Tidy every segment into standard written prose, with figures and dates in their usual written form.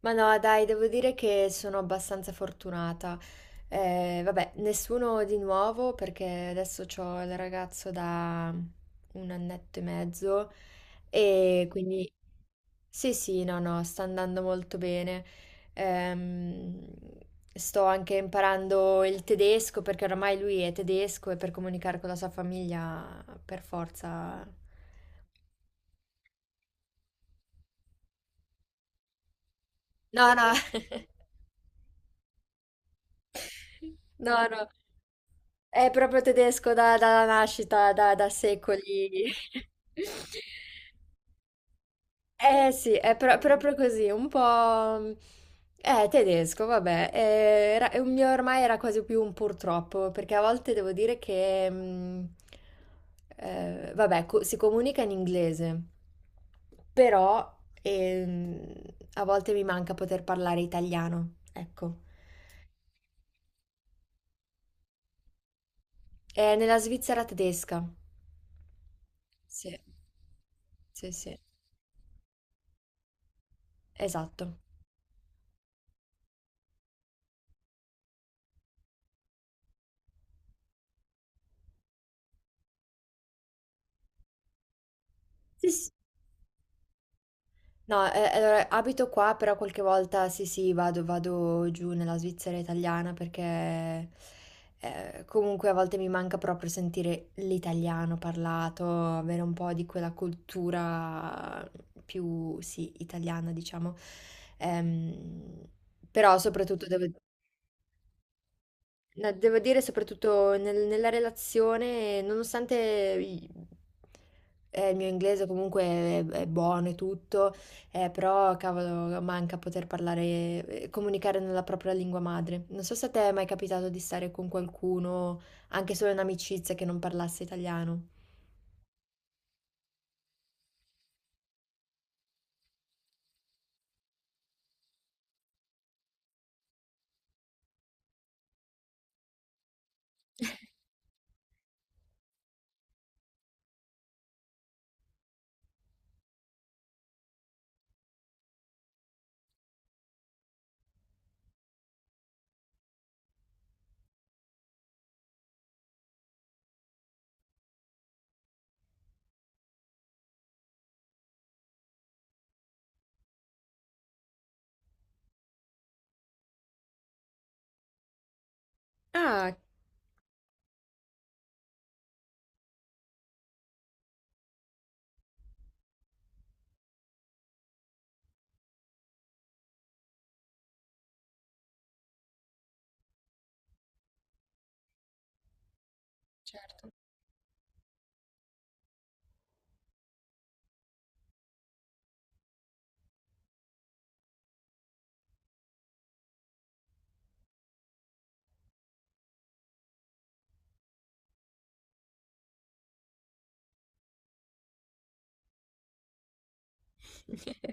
Ma no, dai, devo dire che sono abbastanza fortunata. Vabbè, nessuno di nuovo perché adesso ho il ragazzo da un annetto e mezzo e quindi sì, sì, no, no, sta andando molto bene. Ehm, Sto anche imparando il tedesco perché oramai lui è tedesco e per comunicare con la sua famiglia per forza. No, no, no, no. È proprio tedesco dalla nascita, da secoli. Eh sì, è proprio così, un po'. È tedesco, vabbè. È un mio ormai era quasi più un purtroppo, perché a volte devo dire che, vabbè, si comunica in inglese, però ehm, a volte mi manca poter parlare italiano, ecco. È nella Svizzera tedesca. Sì, sì, sì. Esatto. Sì, sì. No, allora abito qua, però qualche volta sì, sì, vado giù nella Svizzera italiana perché comunque a volte mi manca proprio sentire l'italiano parlato, avere un po' di quella cultura più, sì, italiana, diciamo. Ehm, Però soprattutto devo. No, devo dire, soprattutto nella relazione, nonostante i- il mio inglese comunque è buono e tutto, però cavolo, manca poter parlare, comunicare nella propria lingua madre. Non so se a te è mai capitato di stare con qualcuno, anche solo in amicizia, che non parlasse italiano. Ah, certo.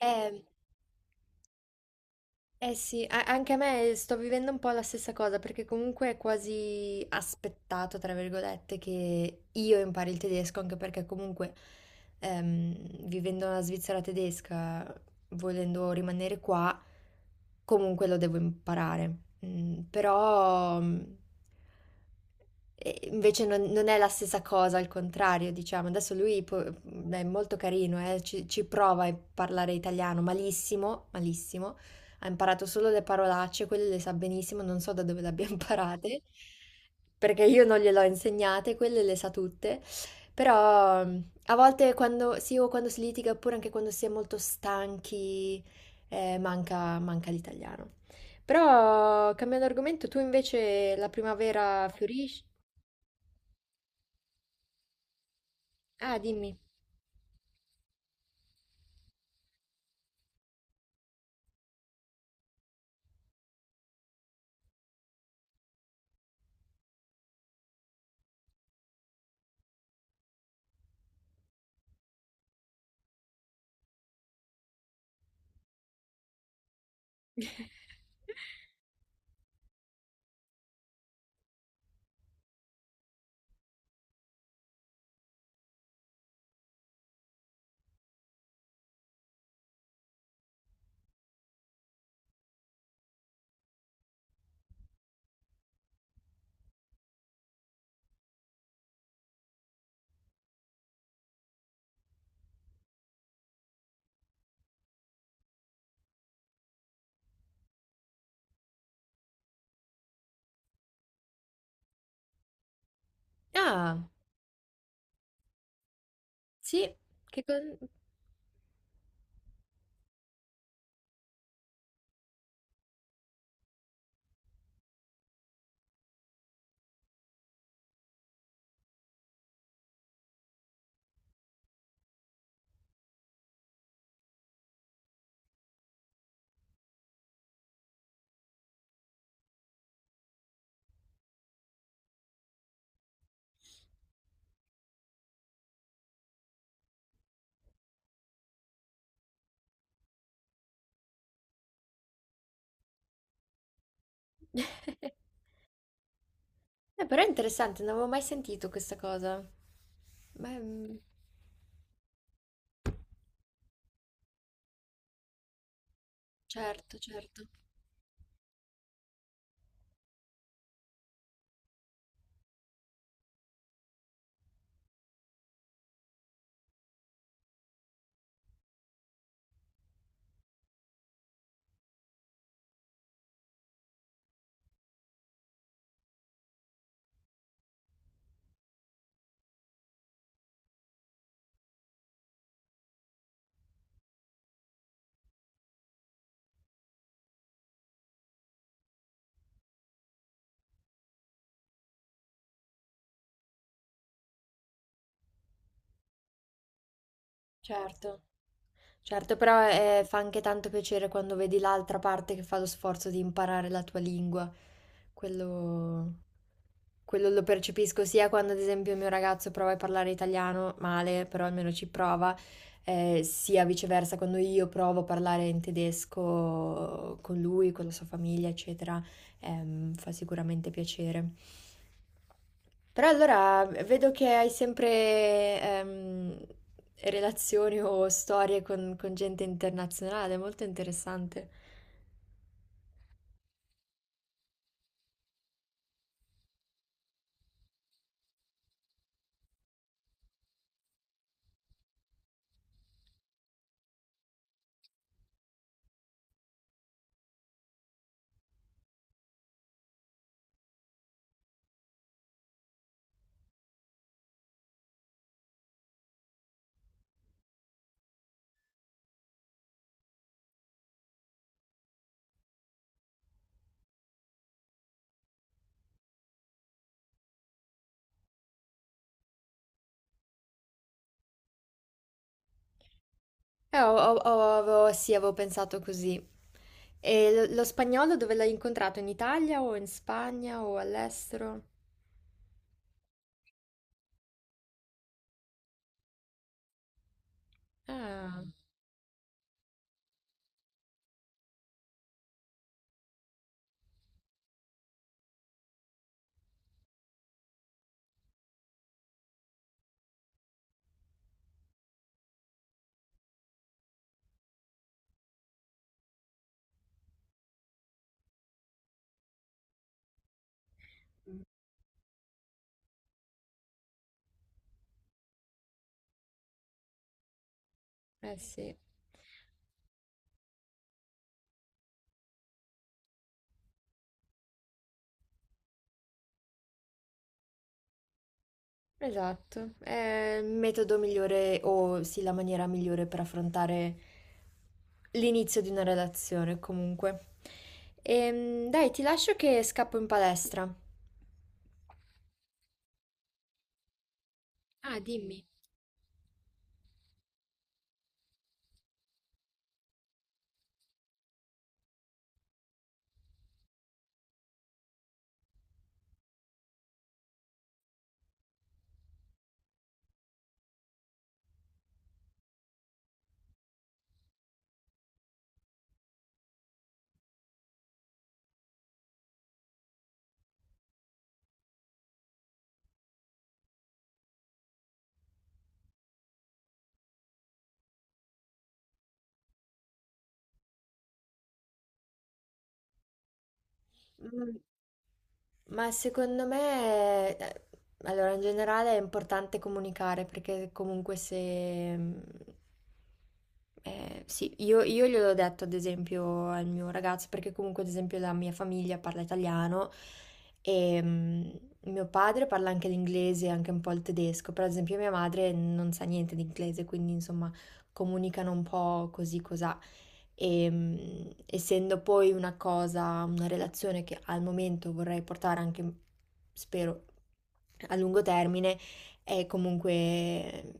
Eh, Eh sì, anche a me sto vivendo un po' la stessa cosa perché comunque è quasi aspettato, tra virgolette, che io impari il tedesco, anche perché comunque vivendo nella Svizzera tedesca, volendo rimanere qua, comunque lo devo imparare. Però e invece non è la stessa cosa, al contrario, diciamo. Adesso lui è molto carino, ci prova a parlare italiano malissimo, malissimo, ha imparato solo le parolacce, quelle le sa benissimo, non so da dove le abbia imparate, perché io non gliele ho insegnate, quelle le sa tutte. Però a volte quando, sì, o quando si litiga, oppure anche quando si è molto stanchi, manca l'italiano. Però, cambiando argomento, tu invece la primavera fiorisci? Ah, dimmi. Ah, sì, che con. Però è interessante, non avevo mai sentito questa cosa. Beh, certo, certo, certo. Certo, però fa anche tanto piacere quando vedi l'altra parte che fa lo sforzo di imparare la tua lingua. Quello, quello lo percepisco sia quando, ad esempio, il mio ragazzo prova a parlare italiano, male, però almeno ci prova, sia viceversa quando io provo a parlare in tedesco con lui, con la sua famiglia, eccetera. Fa sicuramente piacere. Però allora vedo che hai sempre ehm, relazioni o storie con gente internazionale, molto interessante. Sì, avevo pensato così. E lo spagnolo dove l'hai incontrato? In Italia o in Spagna o all'estero? Ah, eh sì. Esatto, è il metodo migliore o sì, la maniera migliore per affrontare l'inizio di una relazione comunque. Dai, ti lascio che scappo in palestra. Ah, dimmi. Ma secondo me, allora in generale è importante comunicare perché comunque se... mm, sì, io gliel'ho detto ad esempio al mio ragazzo perché comunque ad esempio la mia famiglia parla italiano e mio padre parla anche l'inglese e anche un po' il tedesco, però ad esempio mia madre non sa niente di inglese, quindi insomma comunicano un po' così cosà e essendo poi una relazione che al momento vorrei portare anche, spero, a lungo termine, è comunque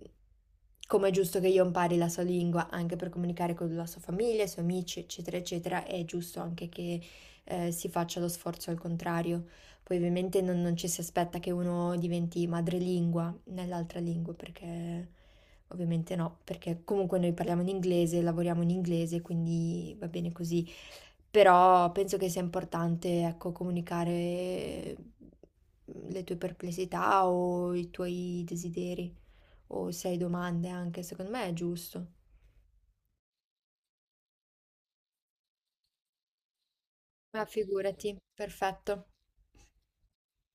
come è giusto che io impari la sua lingua anche per comunicare con la sua famiglia, i suoi amici, eccetera, eccetera, è giusto anche che si faccia lo sforzo al contrario. Poi ovviamente non ci si aspetta che uno diventi madrelingua nell'altra lingua. Perché Ovviamente no, perché comunque noi parliamo in inglese, lavoriamo in inglese, quindi va bene così. Però penso che sia importante, ecco, comunicare le tue perplessità o i tuoi desideri o se hai domande anche, secondo me è giusto. Ma figurati, perfetto.